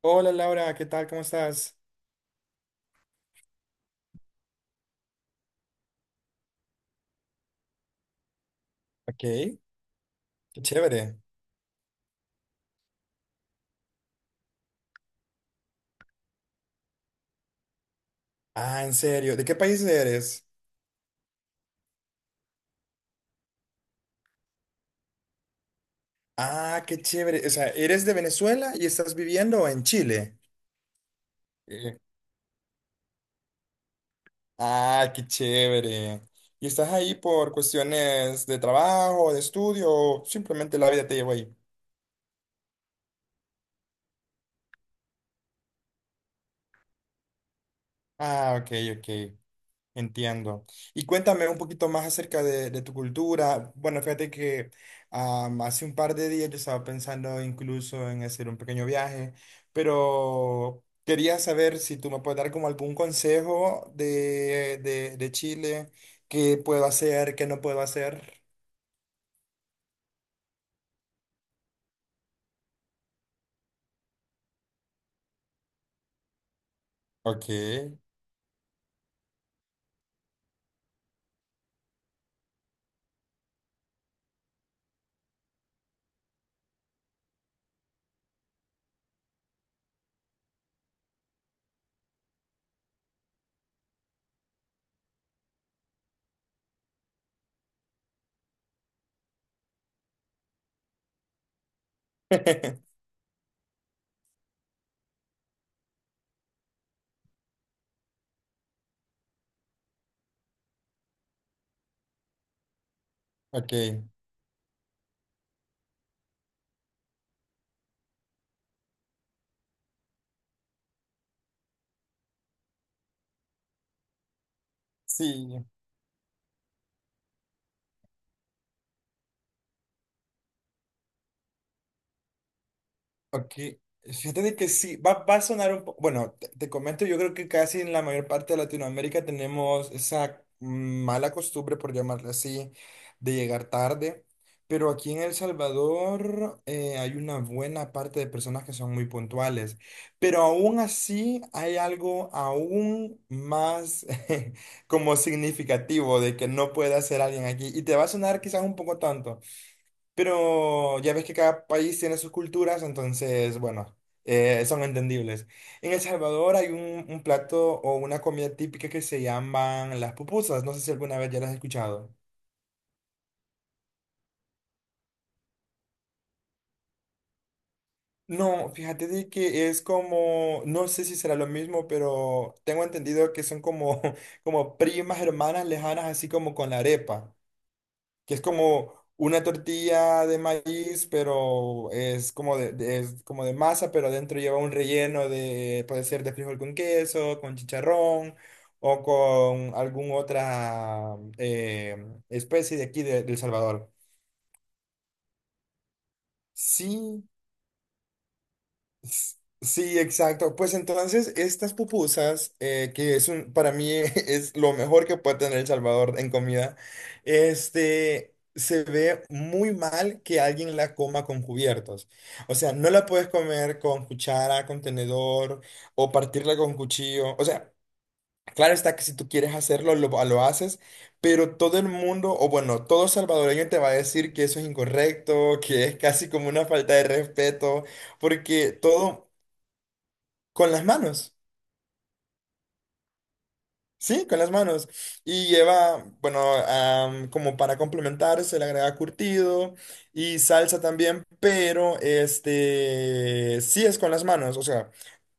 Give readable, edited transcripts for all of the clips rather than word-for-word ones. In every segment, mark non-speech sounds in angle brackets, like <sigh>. Hola Laura, ¿qué tal? ¿Cómo estás? Ok, qué chévere. Ah, en serio, ¿de qué país eres? Ah, qué chévere. O sea, ¿eres de Venezuela y estás viviendo en Chile? Eh, Ah, qué chévere. ¿Y estás ahí por cuestiones de trabajo, de estudio o simplemente la vida te llevó ahí? Ah, ok, ok. Entiendo. Y cuéntame un poquito más acerca de tu cultura. Bueno, fíjate que hace un par de días yo estaba pensando incluso en hacer un pequeño viaje, pero quería saber si tú me puedes dar como algún consejo de Chile, qué puedo hacer, qué no puedo hacer. Ok. <laughs> Ok. Sí. Ok, fíjate de que sí, va a sonar un poco, bueno, te comento, yo creo que casi en la mayor parte de Latinoamérica tenemos esa mala costumbre, por llamarla así, de llegar tarde, pero aquí en El Salvador hay una buena parte de personas que son muy puntuales, pero aún así hay algo aún más <laughs> como significativo de que no puede hacer alguien aquí, y te va a sonar quizás un poco tonto. Pero ya ves que cada país tiene sus culturas, entonces, bueno, son entendibles. En El Salvador hay un plato o una comida típica que se llaman las pupusas. No sé si alguna vez ya las has escuchado. No, fíjate de que es como, no sé si será lo mismo, pero tengo entendido que son como, <laughs> como primas hermanas lejanas, así como con la arepa. Que es como una tortilla de maíz, pero es como es como de masa, pero adentro lleva un relleno de, puede ser de frijol con queso, con chicharrón o con alguna otra especie de aquí de El Salvador. Sí, S- sí, exacto. Pues entonces estas pupusas, que es un, para mí <laughs> es lo mejor que puede tener El Salvador en comida, este, se ve muy mal que alguien la coma con cubiertos. O sea, no la puedes comer con cuchara, con tenedor o partirla con cuchillo. O sea, claro está que si tú quieres hacerlo, lo haces, pero todo el mundo, o bueno, todo salvadoreño te va a decir que eso es incorrecto, que es casi como una falta de respeto, porque todo... Con las manos, sí, con las manos. Y lleva, bueno, como para complementar, se le agrega curtido y salsa también, pero este, sí es con las manos. O sea,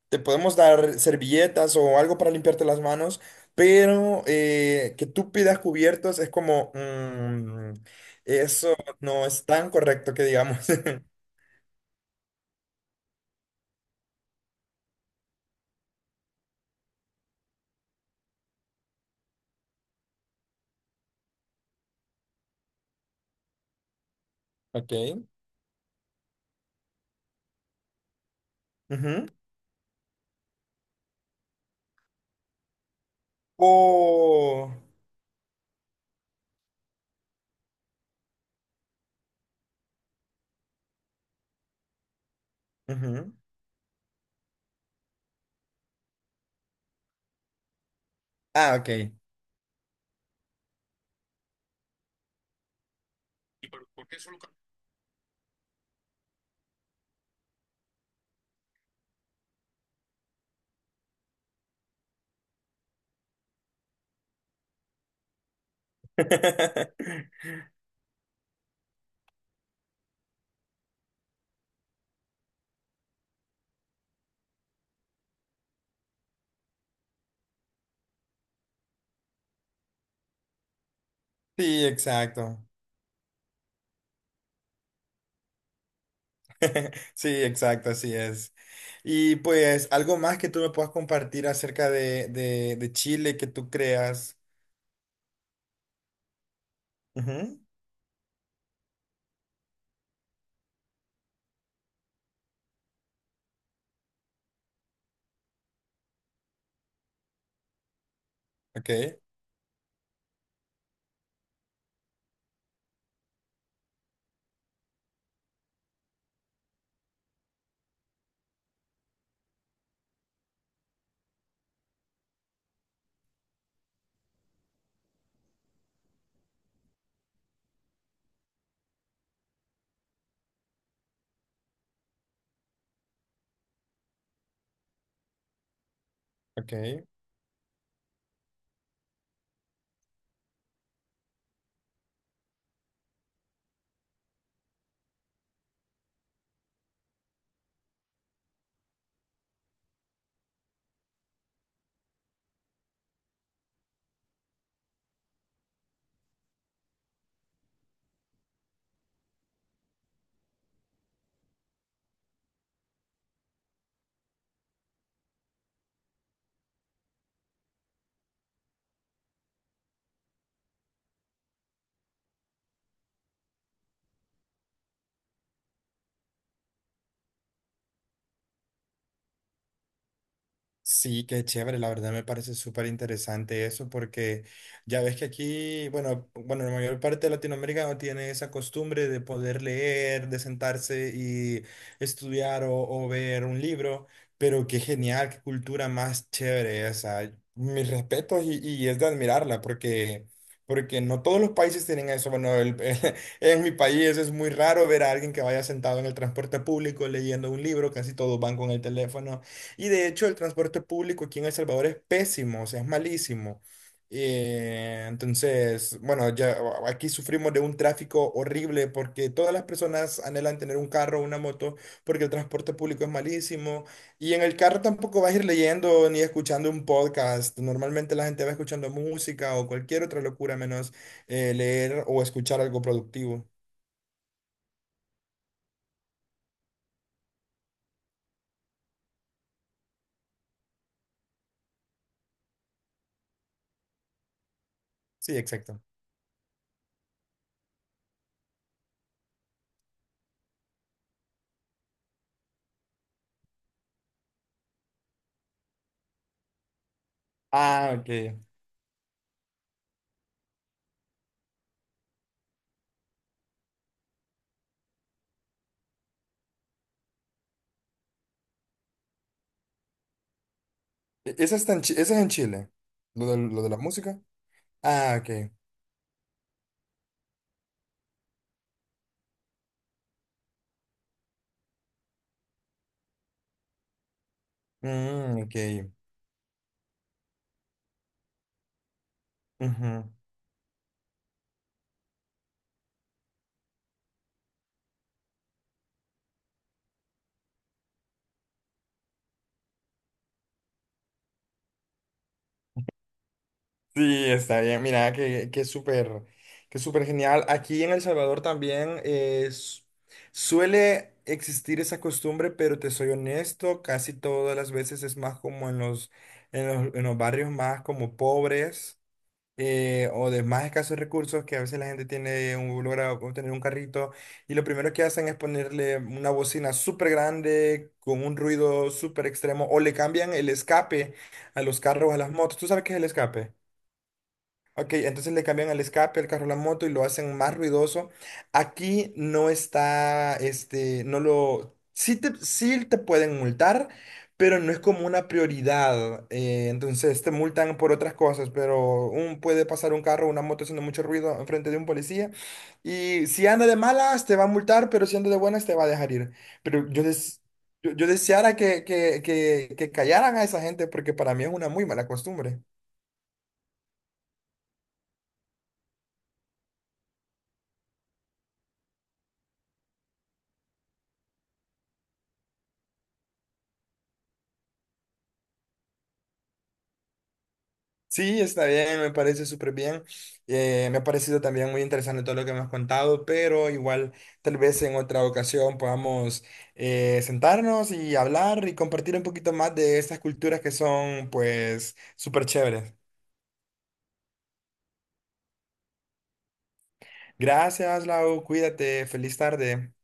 te podemos dar servilletas o algo para limpiarte las manos, pero que tú pidas cubiertos es como, mm, eso no es tan correcto que digamos. <laughs> Ok. Ujú. O... ujú. Ah, ok. <laughs> Sí, exacto. <laughs> Sí, exacto, así es. Y pues algo más que tú me puedas compartir acerca de Chile que tú creas. Ujú, ok, ok. Sí, qué chévere, la verdad me parece súper interesante eso porque ya ves que aquí, bueno, la mayor parte de Latinoamérica no tiene esa costumbre de poder leer, de sentarse y estudiar o ver un libro, pero qué genial, qué cultura más chévere esa. Mis respetos y es de admirarla porque, porque no todos los países tienen eso. Bueno, <laughs> en mi país es muy raro ver a alguien que vaya sentado en el transporte público leyendo un libro, casi todos van con el teléfono. Y de hecho el transporte público aquí en El Salvador es pésimo, o sea, es malísimo. Entonces, bueno, ya aquí sufrimos de un tráfico horrible porque todas las personas anhelan tener un carro o una moto porque el transporte público es malísimo. Y en el carro tampoco vas a ir leyendo ni escuchando un podcast. Normalmente la gente va escuchando música o cualquier otra locura menos leer o escuchar algo productivo. Sí, exacto. Ah, ok. Esa está en esa es en Chile. Lo lo de la música. Ah, ok. Mm, ok. Ujú. Sí, está bien. Mira, que súper genial. Aquí en El Salvador también es, suele existir esa costumbre, pero te soy honesto, casi todas las veces es más como en en los barrios más como pobres. O de más escasos recursos, que a veces la gente tiene un, logra obtener un carrito y lo primero que hacen es ponerle una bocina súper grande con un ruido súper extremo o le cambian el escape a los carros, a las motos. ¿Tú sabes qué es el escape? Ok, entonces le cambian el escape al carro, la moto y lo hacen más ruidoso. Aquí no está, este, no lo, sí te pueden multar, pero no es como una prioridad. Entonces te multan por otras cosas, pero un, puede pasar un carro, una moto haciendo mucho ruido enfrente de un policía y si anda de malas te va a multar, pero si anda de buenas te va a dejar ir. Pero yo, yo, yo deseara que callaran a esa gente porque para mí es una muy mala costumbre. Sí, está bien, me parece súper bien. Me ha parecido también muy interesante todo lo que me has contado, pero igual tal vez en otra ocasión podamos sentarnos y hablar y compartir un poquito más de estas culturas que son pues súper chéveres. Gracias, Lau, cuídate, feliz tarde.